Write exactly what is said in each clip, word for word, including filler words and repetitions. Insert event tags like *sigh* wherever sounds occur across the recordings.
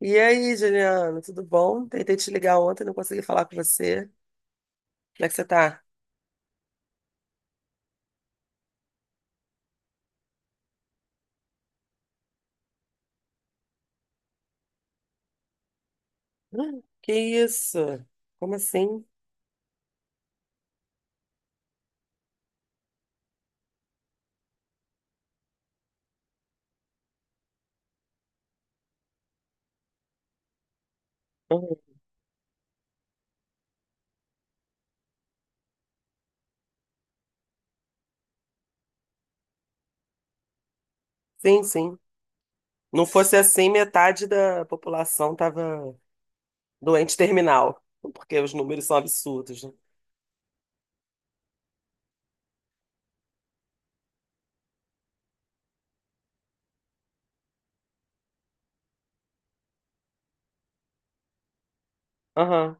E aí, Juliana, tudo bom? Tentei te ligar ontem, não consegui falar com você. Como é que você tá? *gasps* Hum, que isso? Como assim? Uhum. Sim, sim. Não fosse assim, metade da população tava doente terminal, porque os números são absurdos, né? Aham.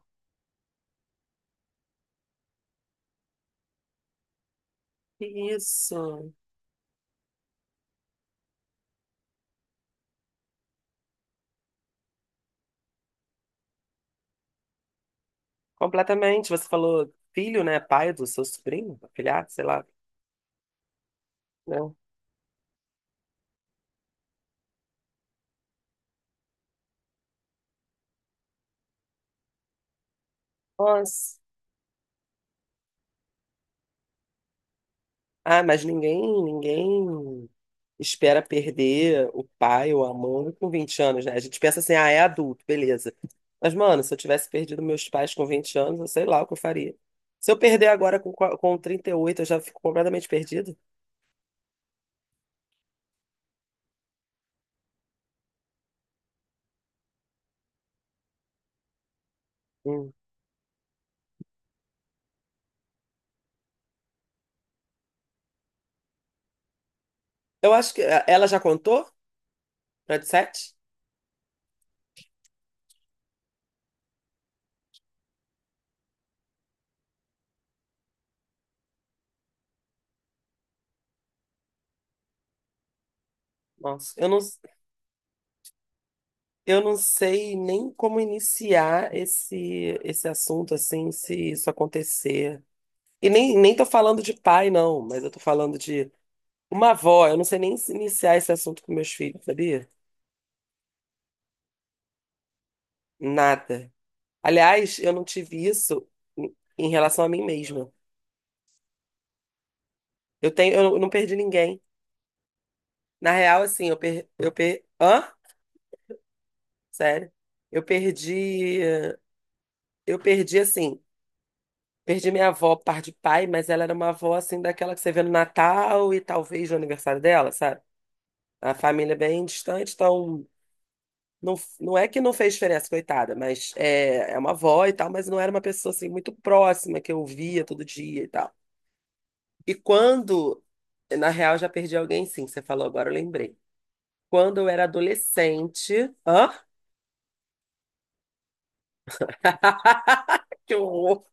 Que isso? Completamente. Você falou filho, né? Pai do seu sobrinho, afilhado, sei lá, né? Nossa. Ah, mas ninguém, ninguém. espera perder o pai ou a mãe com vinte anos, né? A gente pensa assim, ah, é adulto, beleza. Mas, mano, se eu tivesse perdido meus pais com vinte anos, eu sei lá o que eu faria. Se eu perder agora com, qua- com trinta e oito eu já fico completamente perdido. Hum. Eu acho que eh, ela já contou pra dezessete? Nossa, eu não, eu não sei nem como iniciar esse, esse assunto, assim, se isso acontecer. E nem, nem tô falando de pai, não, mas eu tô falando de uma avó. Eu não sei nem se iniciar esse assunto com meus filhos, sabia? Nada. Aliás, eu não tive isso em em relação a mim mesma. Eu tenho, eu não perdi ninguém. Na real, assim, eu per, eu per, hã? Sério? Eu perdi, eu perdi assim, Perdi minha avó por parte de pai, mas ela era uma avó assim daquela que você vê no Natal e talvez no aniversário dela, sabe? A família é bem distante, então não, não é que não fez diferença, coitada, mas é, é uma avó e tal, mas não era uma pessoa assim muito próxima que eu via todo dia e tal. E quando Na real, já perdi alguém, sim. Você falou agora, eu lembrei. Quando eu era adolescente. Hã? Que horror!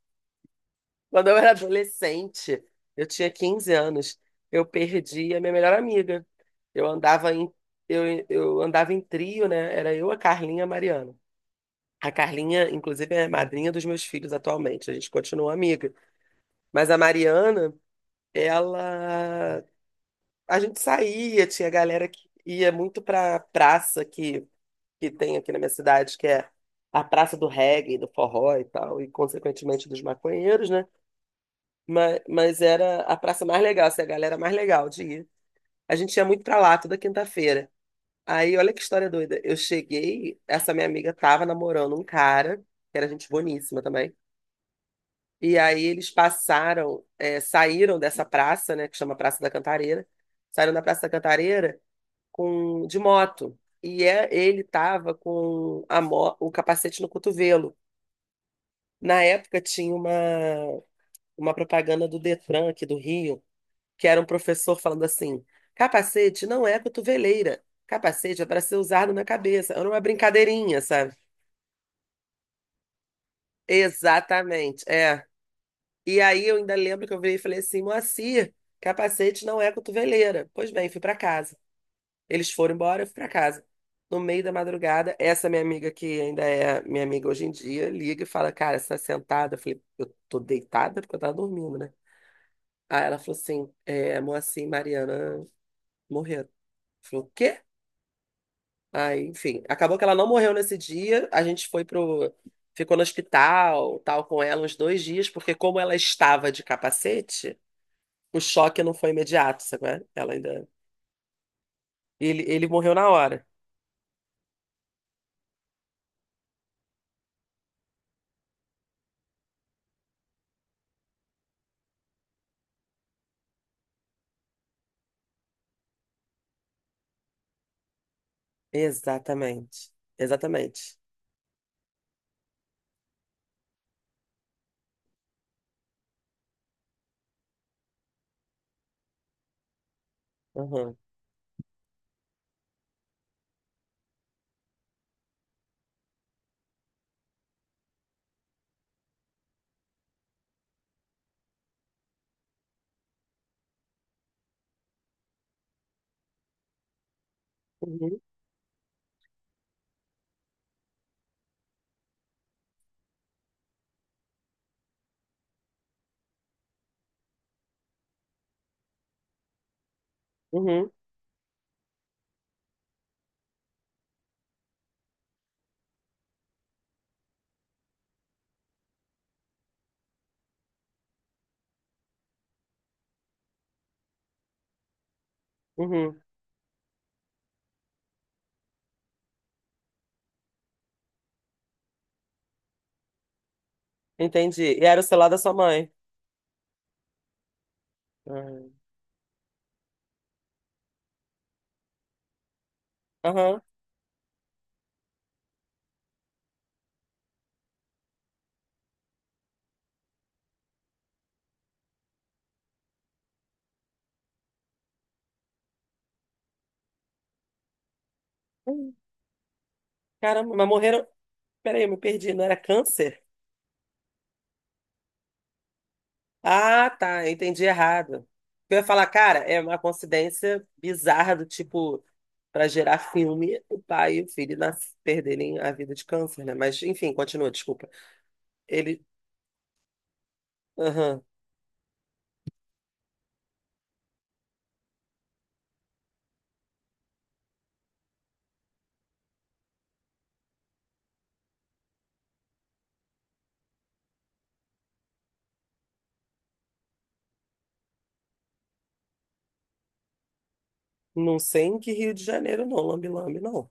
Quando eu era adolescente, eu tinha quinze anos, eu perdi a minha melhor amiga. Eu andava em, eu, eu andava em trio, né? Era eu, a Carlinha e a Mariana. A Carlinha, inclusive, é madrinha dos meus filhos atualmente. A gente continua amiga. Mas a Mariana, ela. A gente saía, tinha galera que ia muito pra praça que que tem aqui na minha cidade, que é a praça do reggae, do forró e tal, e consequentemente dos maconheiros, né? Mas, mas era a praça mais legal, assim, a galera mais legal de ir. A gente ia muito pra lá toda quinta-feira. Aí, olha que história doida. Eu cheguei, essa minha amiga tava namorando um cara, que era gente boníssima também. E aí eles passaram, é, saíram dessa praça, né, que chama Praça da Cantareira, saíram da Praça da Cantareira com de moto. E é- ele estava com a mo- o capacete no cotovelo. Na época tinha uma, uma propaganda do Detran aqui do Rio, que era um professor falando assim: capacete não é cotoveleira, capacete é para ser usado na cabeça. Era uma brincadeirinha, sabe? Exatamente, é. E aí eu ainda lembro que eu virei e falei assim: Moacir, capacete não é cotoveleira. Pois bem, fui para casa. Eles foram embora, eu fui pra casa. No meio da madrugada, essa minha amiga que ainda é minha amiga hoje em dia, liga e fala, cara, você tá sentada? Eu falei, eu tô deitada porque eu tava dormindo, né? Aí ela falou assim, é, Moacir e Mariana morreram. Eu falei, o quê? Aí, enfim, acabou que ela não morreu nesse dia, a gente foi pro... Ficou no hospital, tal, com ela uns dois dias, porque como ela estava de capacete, o choque não foi imediato, sabe? Qual é? Ela ainda... Ele, ele morreu na hora. Exatamente, exatamente. Uhum. Uhum. Uhum. Uhum. Entendi. E era o celular da sua mãe. Uhum. Aham. Hum, caramba, mas morreram. Peraí, eu me perdi. Não era câncer? Ah, tá. Eu entendi errado. Eu ia falar, cara, é uma coincidência bizarra do tipo, para gerar filme, o pai e o filho nas... perderem a vida de câncer, né? Mas, enfim, continua, desculpa. Ele. Aham. Não sei em que Rio de Janeiro, não, lambe-lambe, não.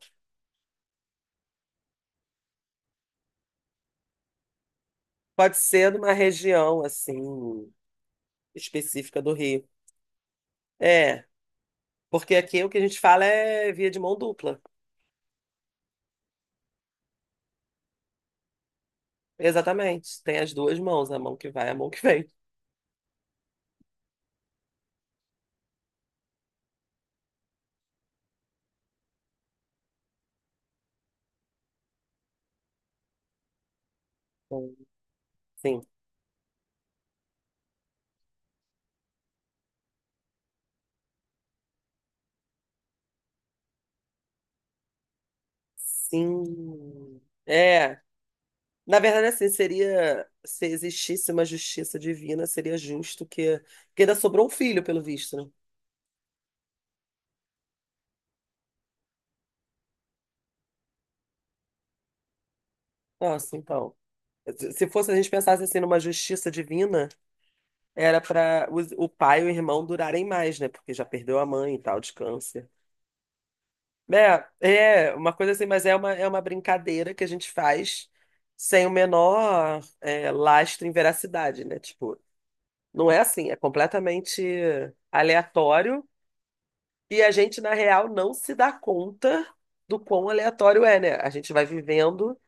Pode ser de uma região, assim, específica do Rio. É. Porque aqui o que a gente fala é via de mão dupla. Exatamente. Tem as duas mãos, a mão que vai e a mão que vem. Então. Sim. Sim. É. Na verdade, assim, seria. Se existisse uma justiça divina, seria justo que. Porque ainda sobrou um filho, pelo visto, né? Nossa, então. Se se fosse a gente pensasse assim numa justiça divina, era para o pai e o irmão durarem mais, né? Porque já perdeu a mãe e tal, de câncer. É, é uma coisa assim, mas é uma, é uma brincadeira que a gente faz sem o menor é, lastro em veracidade, né? Tipo, não é assim, é completamente aleatório e a gente, na real, não se dá conta do quão aleatório é, né? A gente vai vivendo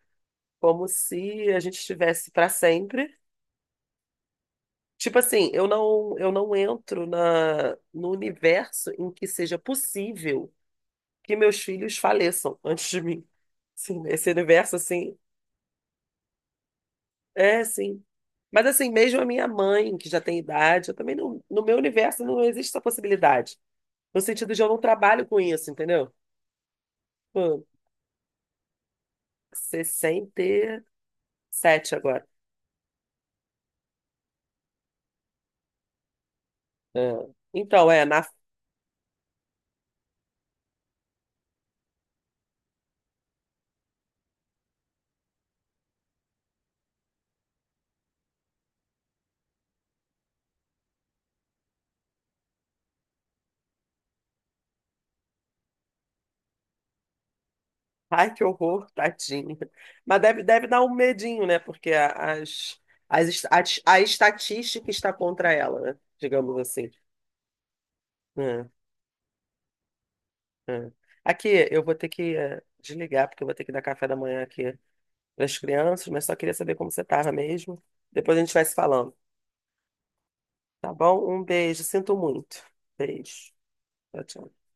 como se a gente estivesse para sempre. Tipo assim, eu não, eu não entro na, no universo em que seja possível que meus filhos faleçam antes de mim. Sim, esse universo assim. É, sim. Mas assim, mesmo a minha mãe, que já tem idade, eu também não, no meu universo não existe essa possibilidade. No sentido de eu não trabalho com isso, entendeu? Pô, sessenta e sete agora. É. Então, é, na. Ai, que horror, tadinho. Mas deve, deve dar um medinho, né? Porque a- as, as, est- a, a estatística está contra ela, né? Digamos assim. É, é. Aqui, eu vou ter que eh, desligar, porque eu vou ter que dar café da manhã aqui das crianças, mas só queria saber como você estava mesmo. Depois a gente vai se falando, tá bom? Um beijo, sinto muito. Beijo. Tchau, tchau.